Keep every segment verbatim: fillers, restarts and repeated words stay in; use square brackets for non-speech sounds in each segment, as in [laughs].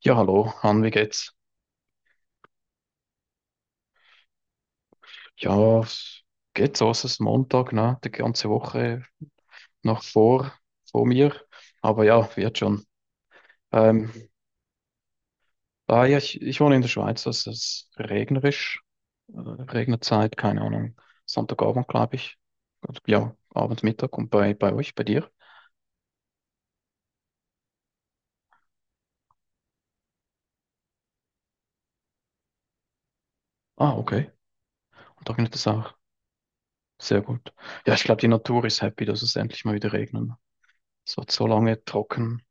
Ja, hallo, Han, wie geht's? Ja, es geht so, es ist Montag, ne? Die ganze Woche noch vor, vor mir. Aber ja, wird schon. Ähm, ah, ja, ich, ich wohne in der Schweiz, es ist regnerisch. Äh, Regnerzeit, keine Ahnung. Sonntagabend, glaube ich. Und ja, Abend, Mittag und bei, bei euch, bei dir. Ah, okay. Und da regnet es auch. Sehr gut. Ja, ich glaube, die Natur ist happy, dass es endlich mal wieder regnet. Es wird so lange trocken.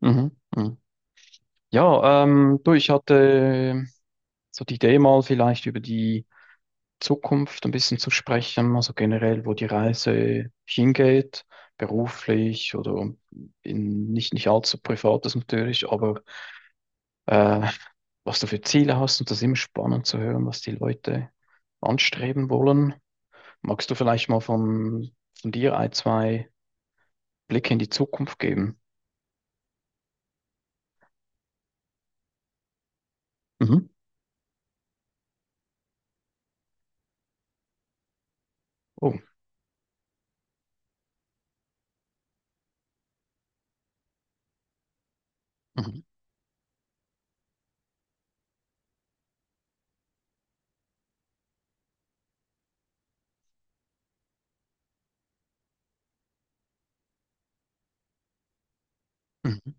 Mhm, mhm. Ja, ähm, du, ich hatte so die Idee, mal vielleicht über die Zukunft ein bisschen zu sprechen, also generell, wo die Reise hingeht, beruflich oder in nicht, nicht allzu privates natürlich, aber äh, was du für Ziele hast, und das ist immer spannend zu hören, was die Leute anstreben wollen. Magst du vielleicht mal von, von dir ein, zwei Blicke in die Zukunft geben? Mhm. Oh. Mhm. Mhm.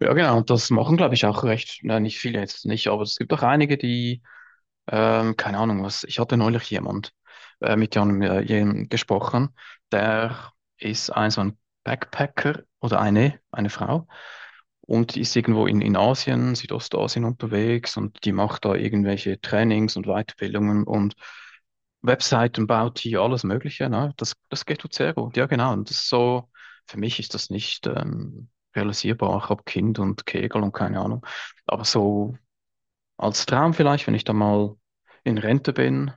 Ja, genau, und das machen, glaube ich, auch recht, nein, nicht viele jetzt nicht, aber es gibt auch einige, die Ähm, keine Ahnung was. Ich hatte neulich jemand, äh, mit jemandem äh, jem- gesprochen, der ist ein so ein Backpacker, oder eine, eine Frau, und die ist irgendwo in, in Asien, Südostasien unterwegs, und die macht da irgendwelche Trainings und Weiterbildungen und Webseiten baut hier, alles Mögliche. Ne? Das, das geht gut, sehr gut. Ja, genau. Und das ist so, für mich ist das nicht ähm, realisierbar. Ich habe Kind und Kegel und keine Ahnung. Aber so als Traum vielleicht, wenn ich da mal in Rente bin.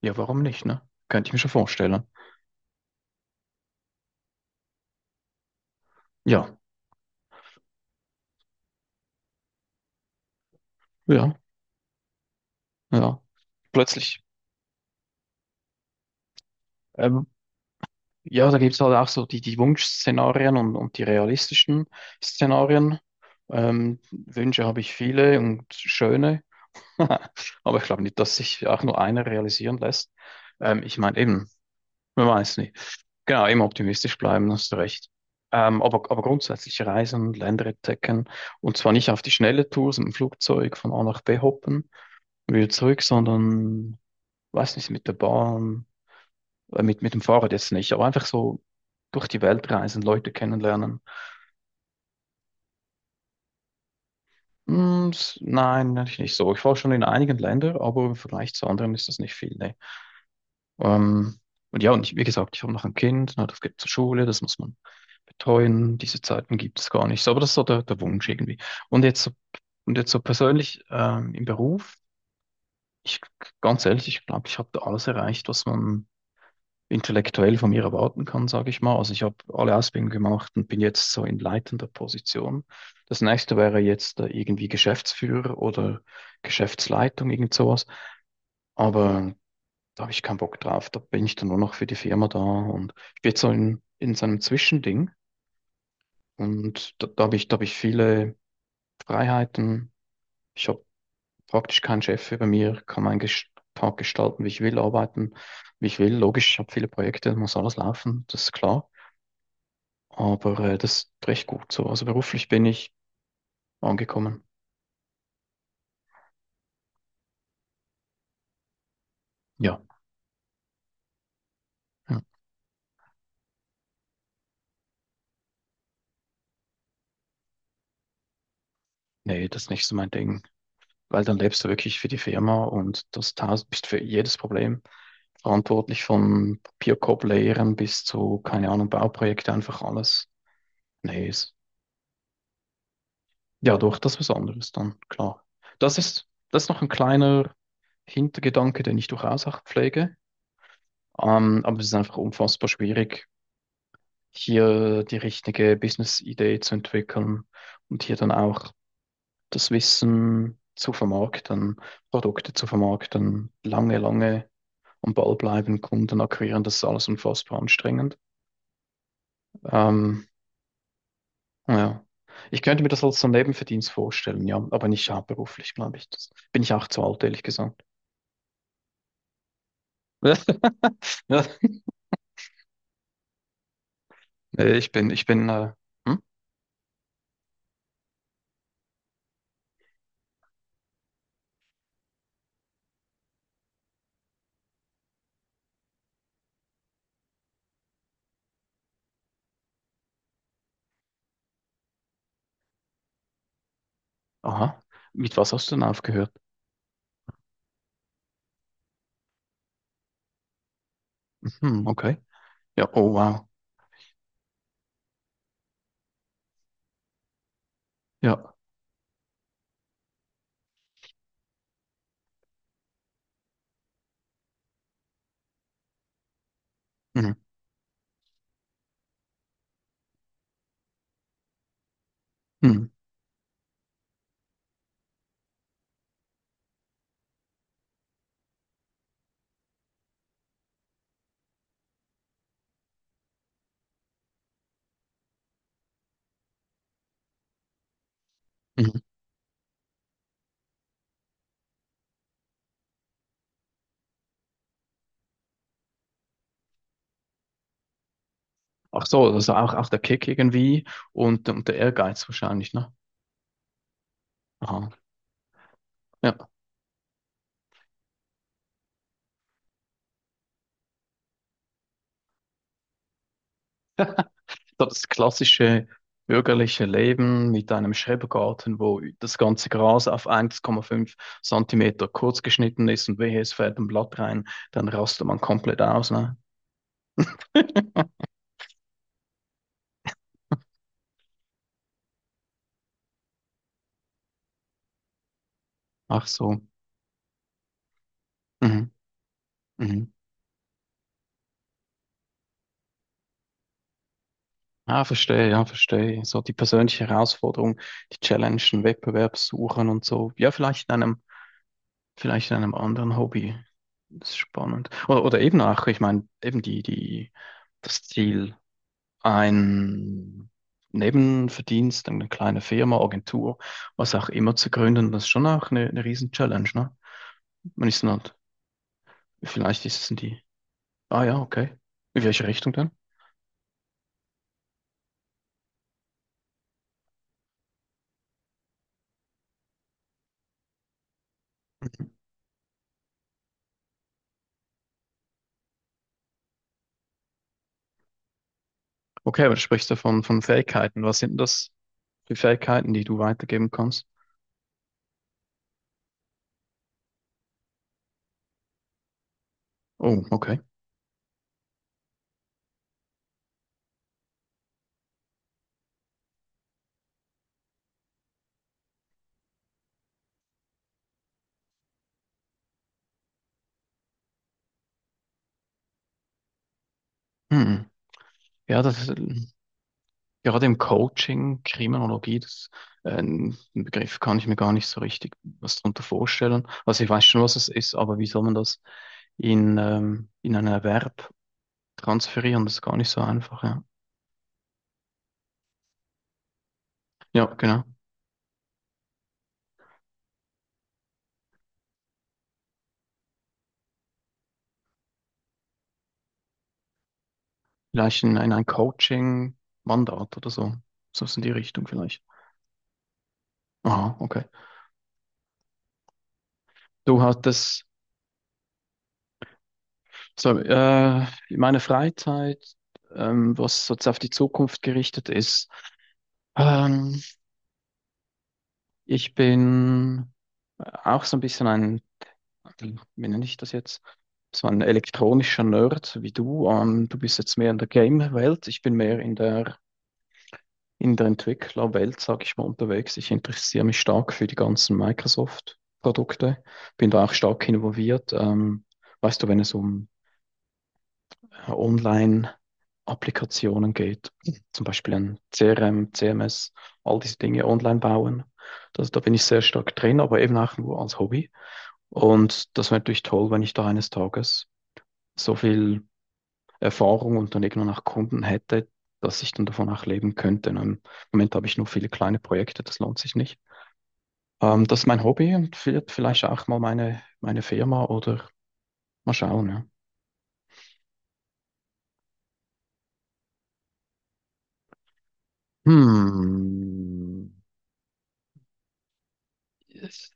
Ja, warum nicht, ne? Könnte ich mir schon vorstellen. Ja, ja, ja. Plötzlich, ähm, ja, da gibt es halt auch so die, die Wunschszenarien und, und die realistischen Szenarien. Ähm, Wünsche habe ich viele und schöne. [laughs] Aber ich glaube nicht, dass sich auch nur einer realisieren lässt. Ähm, ich meine eben, man weiß nie. Genau, immer optimistisch bleiben, hast du recht. Ähm, aber, aber grundsätzlich reisen, Länder entdecken, und zwar nicht auf die schnelle Tour, so mit dem Flugzeug von A nach B hoppen und wieder zurück, sondern, weiß nicht, mit der Bahn, äh, mit, mit dem Fahrrad jetzt nicht, aber einfach so durch die Welt reisen, Leute kennenlernen. Hm, s- nein, natürlich nicht so. Ich war schon in einigen Ländern, aber im Vergleich zu anderen ist das nicht viel, ne. Ähm, und ja, und ich, wie gesagt, ich habe noch ein Kind, na, das geht zur Schule, das muss man betreuen. Diese Zeiten gibt es gar nicht. So, aber das ist so der, der Wunsch irgendwie. Und jetzt so, und jetzt so persönlich ähm, im Beruf, ich ganz ehrlich, ich glaube, ich habe da alles erreicht, was man intellektuell von mir erwarten kann, sage ich mal. Also ich habe alle Ausbildungen gemacht und bin jetzt so in leitender Position. Das nächste wäre jetzt äh, irgendwie Geschäftsführer oder Geschäftsleitung, irgend sowas. Aber da habe ich keinen Bock drauf. Da bin ich dann nur noch für die Firma da, und ich bin jetzt so in, in so einem Zwischending, und da, da habe ich, da habe ich viele Freiheiten. Ich habe praktisch keinen Chef über mir, kann meinen Ges- Tag gestalten, wie ich will, arbeiten, wie ich will. Logisch, ich habe viele Projekte, muss alles laufen, das ist klar. Aber äh, das ist recht gut so. Also beruflich bin ich angekommen. Ja. Ja. Nee, das ist nicht so mein Ding. Weil dann lebst du wirklich für die Firma und das tausend, bist für jedes Problem verantwortlich, von Papierkorb leeren bis zu, keine Ahnung, Bauprojekte, einfach alles. Nee, ist ja doch das was anderes dann, klar. Das ist, das ist noch ein kleiner Hintergedanke, den ich durchaus auch pflege. Ähm, aber es ist einfach unfassbar schwierig, hier die richtige Business-Idee zu entwickeln und hier dann auch das Wissen zu vermarkten, Produkte zu vermarkten, lange, lange am Ball bleiben, Kunden akquirieren, das ist alles unfassbar anstrengend. Ähm, ja. Ich könnte mir das als so einen Nebenverdienst vorstellen, ja, aber nicht hauptberuflich, glaube ich. Das bin ich auch zu alt, ehrlich gesagt. [laughs] Ja, nee, ich bin, ich bin, äh, hm? Aha. Mit was hast du denn aufgehört? Hm, okay. Ja, oh wow. Ja. Mhm. Mhm. Mhm. Ach so, also auch, auch der Kick irgendwie und, und der Ehrgeiz wahrscheinlich, ne? Aha. Ja. So das klassische bürgerliche Leben mit einem Schrebergarten, wo das ganze Gras auf eins Komma fünf Zentimeter kurz geschnitten ist und wehe, es fällt ein Blatt rein, dann rastet man komplett aus, ne? [laughs] Ach so. Mhm. Mhm. Ah, verstehe, ja, verstehe. So die persönliche Herausforderung, die Challenge, den Wettbewerb suchen und so. Ja, vielleicht in einem, vielleicht in einem anderen Hobby. Das ist spannend. Oder, oder eben auch, ich meine, eben die, die, das Ziel, ein Nebenverdienst, eine kleine Firma, Agentur, was auch immer zu gründen, das ist schon auch eine, eine Riesen-Challenge, ne? Man ist dann halt, vielleicht ist es die, ah ja, okay. In welche Richtung denn? Okay, aber du sprichst ja von, von Fähigkeiten. Was sind denn das für Fähigkeiten, die du weitergeben kannst? Oh, okay. Hm. Ja, das ist, gerade im Coaching, Kriminologie, das, äh, ein Begriff, kann ich mir gar nicht so richtig was darunter vorstellen. Also ich weiß schon, was es ist, aber wie soll man das in, ähm, in einen Erwerb transferieren? Das ist gar nicht so einfach, ja. Ja, genau. Vielleicht in, in ein Coaching-Mandat oder so. So ist in die Richtung vielleicht. Aha, okay. Du hattest so, äh, meine Freizeit, ähm, was so auf die Zukunft gerichtet ist. Ähm, Ich bin auch so ein bisschen ein, wie nenne ich das jetzt? So ein elektronischer Nerd so wie du. Ähm, du bist jetzt mehr in der Game-Welt. Ich bin mehr in der, in der Entwicklerwelt, sage ich mal, unterwegs. Ich interessiere mich stark für die ganzen Microsoft-Produkte. Bin da auch stark involviert. Ähm, weißt du, wenn es um äh, Online-Applikationen geht, zum Beispiel ein C R M, C M S, all diese Dinge online bauen. Das, da bin ich sehr stark drin, aber eben auch nur als Hobby. Und das wäre natürlich toll, wenn ich da eines Tages so viel Erfahrung und dann irgendwann auch Kunden hätte, dass ich dann davon auch leben könnte. Und im Moment habe ich nur viele kleine Projekte, das lohnt sich nicht. Ähm, das ist mein Hobby und wird vielleicht auch mal meine, meine Firma oder mal schauen. Ja. Hm. Yes.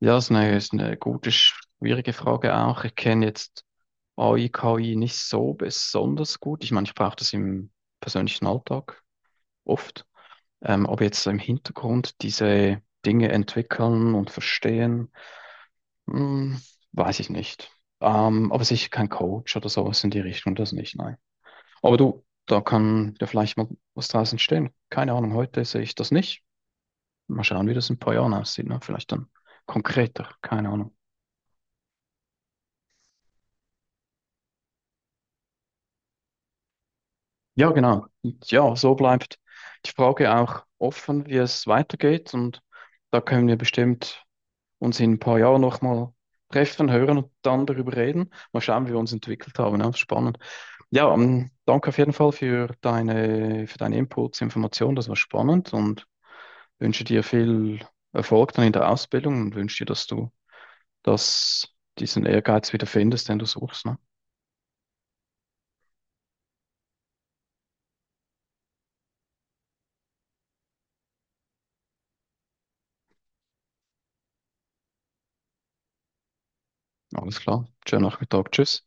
Ja, ist eine, ist eine gute, schwierige Frage auch. Ich kenne jetzt A I, K I nicht so besonders gut. Ich meine, ich brauche das im persönlichen Alltag oft. Ähm, ob jetzt so im Hintergrund diese Dinge entwickeln und verstehen, hm, weiß ich nicht. Ähm, aber sicher kein Coach oder sowas in die Richtung, das nicht, nein. Aber du, da kann ja vielleicht mal was draus entstehen. Keine Ahnung, heute sehe ich das nicht. Mal schauen, wie das in ein paar Jahren aussieht, ne? Vielleicht dann konkreter, keine Ahnung. Ja, genau. Und ja, so bleibt die Frage auch offen, wie es weitergeht, und da können wir bestimmt uns in ein paar Jahren nochmal treffen, hören und dann darüber reden. Mal schauen, wie wir uns entwickelt haben. Ja, spannend. Ja, ähm, danke auf jeden Fall für deine, für deine Inputs, Informationen. Das war spannend, und wünsche dir viel Erfolg dann in der Ausbildung und wünsche dir, dass du das, diesen Ehrgeiz wieder findest, den du suchst. Ne? Alles klar. Schönen Nachmittag. Tschüss.